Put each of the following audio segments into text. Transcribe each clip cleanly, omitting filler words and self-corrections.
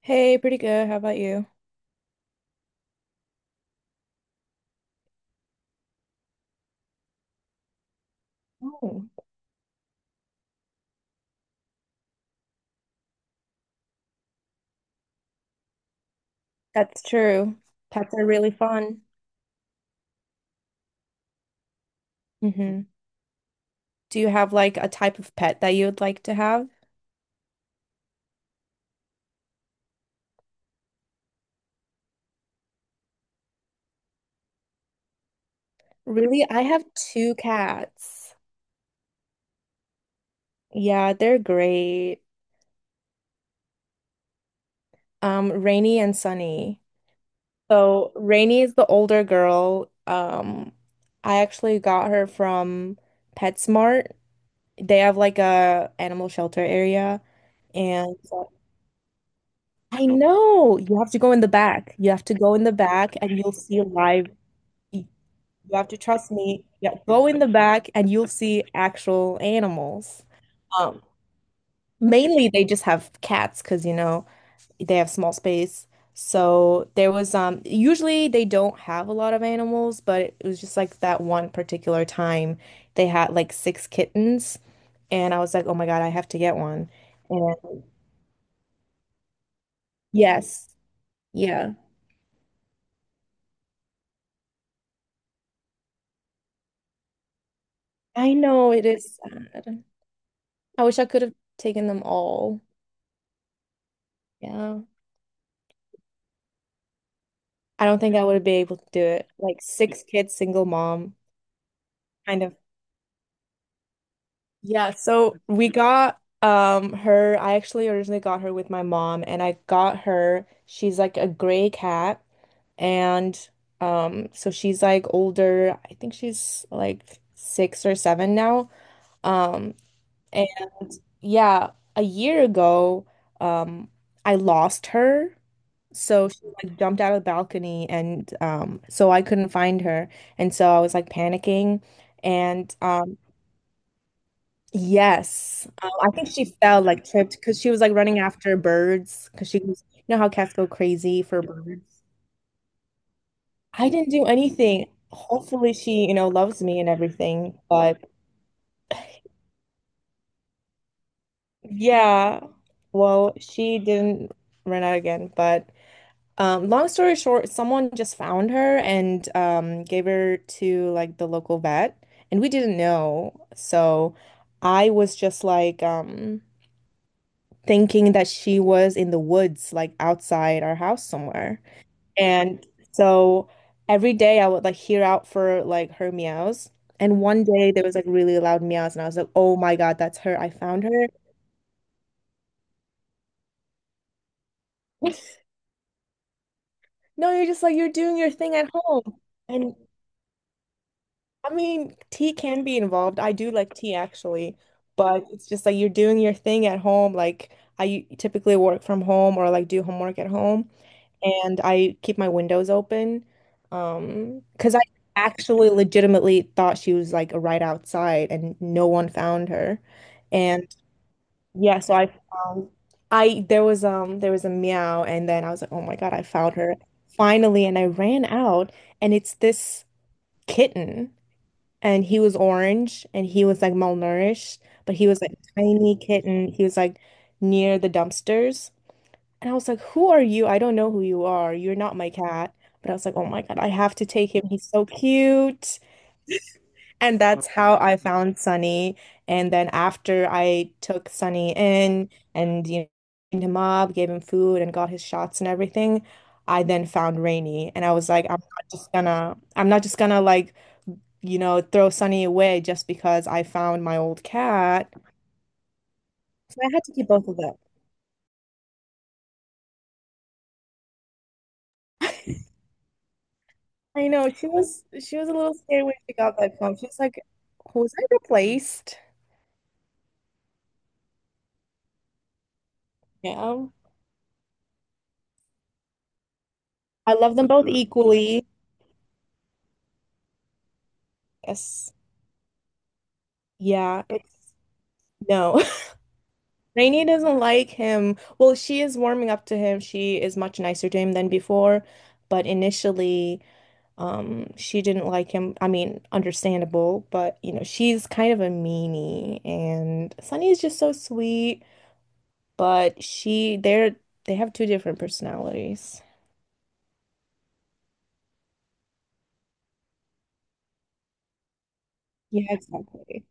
Hey, pretty good. How about you? Oh, that's true. Pets are really fun. Hmm. Do you have like a type of pet that you would like to have? Really, I have two cats. Yeah, they're great. Rainy and Sunny. So Rainy is the older girl. I actually got her from PetSmart. They have like a animal shelter area, and I know you have to go in the back. You have to go in the back, and you'll see live. y- You have to trust me. Yeah, go in the back and you'll see actual animals. Um, Mainly they just have cats because you know they have small space. So there was usually they don't have a lot of animals, but it was just like that one particular time they had like six kittens and I was like, "Oh my God, I have to get one." And yes, yeah. I know it is sad. I wish I could have taken them all. Yeah. I don't think I would be able to do it. Like six kids, single mom, kind of. Yeah, so we got her. I actually originally got her with my mom, and I got her. She's like a gray cat, and so she's like older. I think she's like six or seven now. Um, And yeah, a year ago, um, I lost her. So she like jumped out of the balcony and so I couldn't find her. And so I was like panicking and yes. I think she fell like tripped because she was like running after birds because she was you know how cats go crazy for birds. I didn't do anything. Hopefully she loves me and everything. But yeah, well, she didn't run out again, but long story short, someone just found her and gave her to like the local vet, and we didn't know. So I was just like thinking that she was in the woods, like outside our house somewhere. And so every day I would like hear out for like her meows. And one day there was like really loud meows, and I was like, "Oh my God, that's her! I found her." No, you're just like you're doing your thing at home. And I mean, tea can be involved. I do like tea actually, but it's just like you're doing your thing at home. Like I typically work from home or like do homework at home, and I keep my windows open. Because I actually legitimately thought she was like right outside and no one found her. And yeah, so I there was a meow and then I was like, "Oh my God, I found her." Finally, and I ran out and it's this kitten and he was orange and he was like malnourished, but he was like a tiny kitten. He was like near the dumpsters. And I was like, who are you? I don't know who you are. You're not my cat. But I was like, oh my God, I have to take him. He's so cute. And that's how I found Sunny. And then after I took Sunny in and cleaned him up, gave him food and got his shots and everything, I then found Rainy. And I was like, I'm not just gonna throw Sunny away just because I found my old cat. So I had to keep both of them. I know she was a little scared when she got that phone. She's like, was I replaced? Yeah. I love them both equally. Yes. Yeah. It's No. Rainy doesn't like him. Well, she is warming up to him. She is much nicer to him than before, but initially, she didn't like him. I mean, understandable, but she's kind of a meanie and Sunny is just so sweet, but she they're they have two different personalities. Yeah, exactly.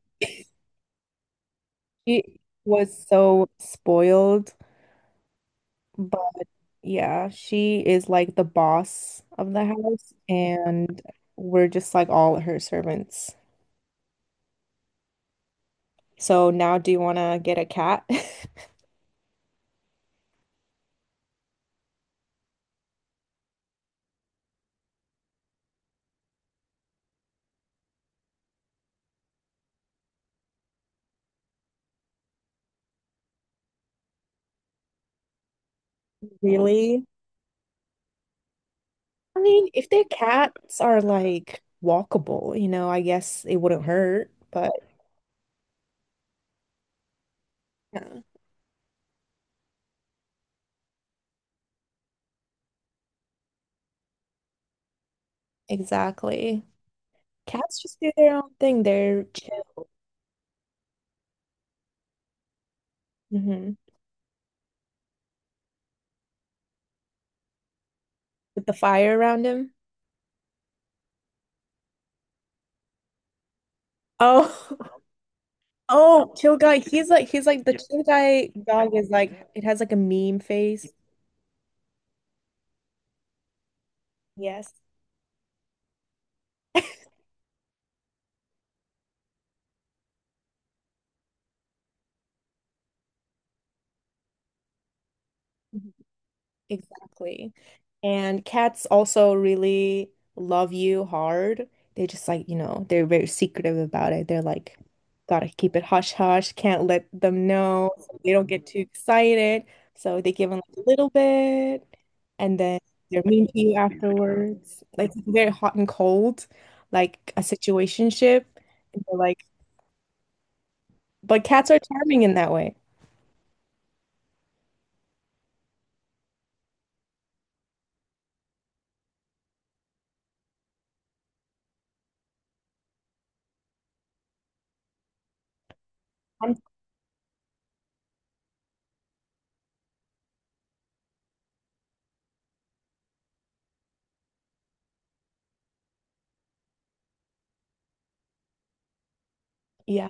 She was so spoiled, but yeah, she is like the boss of the house and we're just like all her servants. So now do you want to get a cat? Really? I mean, if their cats are like walkable, I guess it wouldn't hurt, but yeah, exactly. Cats just do their own thing. They're chill. Hmm. With the fire around him. Oh, oh, chill guy. He's like, the chill guy dog is like, it has like a meme face. Yes. Mm-hmm. Exactly. And cats also really love you hard. They just like, they're very secretive about it. They're like, gotta keep it hush hush, can't let them know. So they don't get too excited. So they give them a little bit and then they're mean to you afterwards. Like it's very hot and cold, like a situationship. And they're like, but cats are charming in that way. Um, yeah.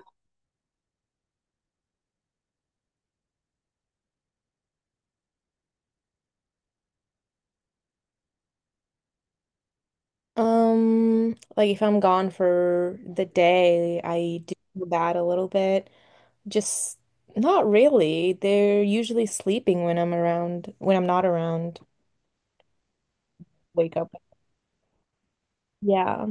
Like if I'm gone for the day, I do that a little bit. Just not really. They're usually sleeping when I'm around, when I'm not around. Wake up. Yeah.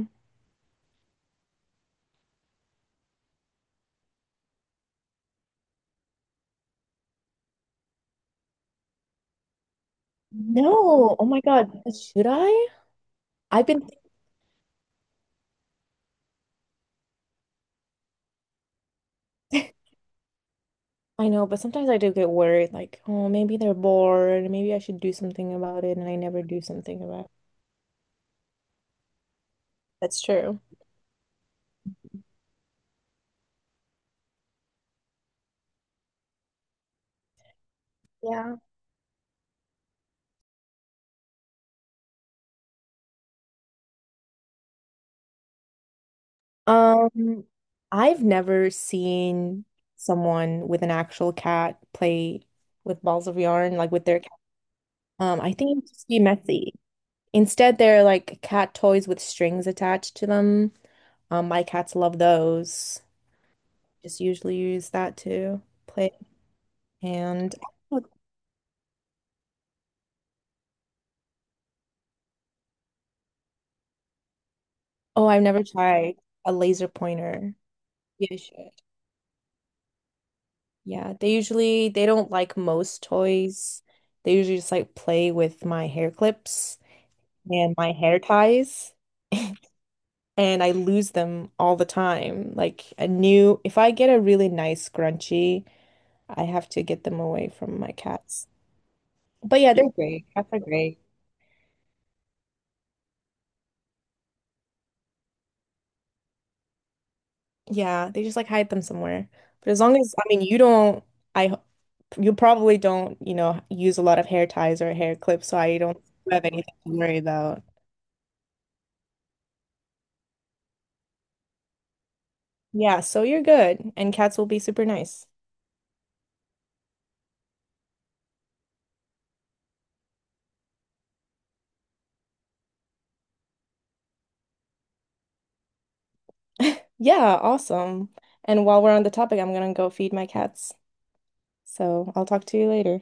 No. Oh my God. Should I? I've been, I know, but sometimes I do get worried, like, oh, maybe they're bored. Maybe I should do something about it, and I never do something about it. That's true. Yeah. Um, I've never seen someone with an actual cat play with balls of yarn, like with their cat. I think it'd just be messy. Instead, they're like cat toys with strings attached to them. My cats love those. Just usually use that to play. And oh, I've never tried a laser pointer. Yeah, you should. Yeah, they usually, they don't like most toys. They usually just like play with my hair clips and my hair ties and I lose them all the time. If I get a really nice scrunchie, I have to get them away from my cats. But yeah, they're great. Cats are great. Yeah, they just like hide them somewhere. But as long as, I mean, I, ho- you probably don't, use a lot of hair ties or hair clips, so I don't have anything to worry about. Yeah, so you're good, and cats will be super nice. Yeah, awesome. And while we're on the topic, I'm gonna go feed my cats. So I'll talk to you later.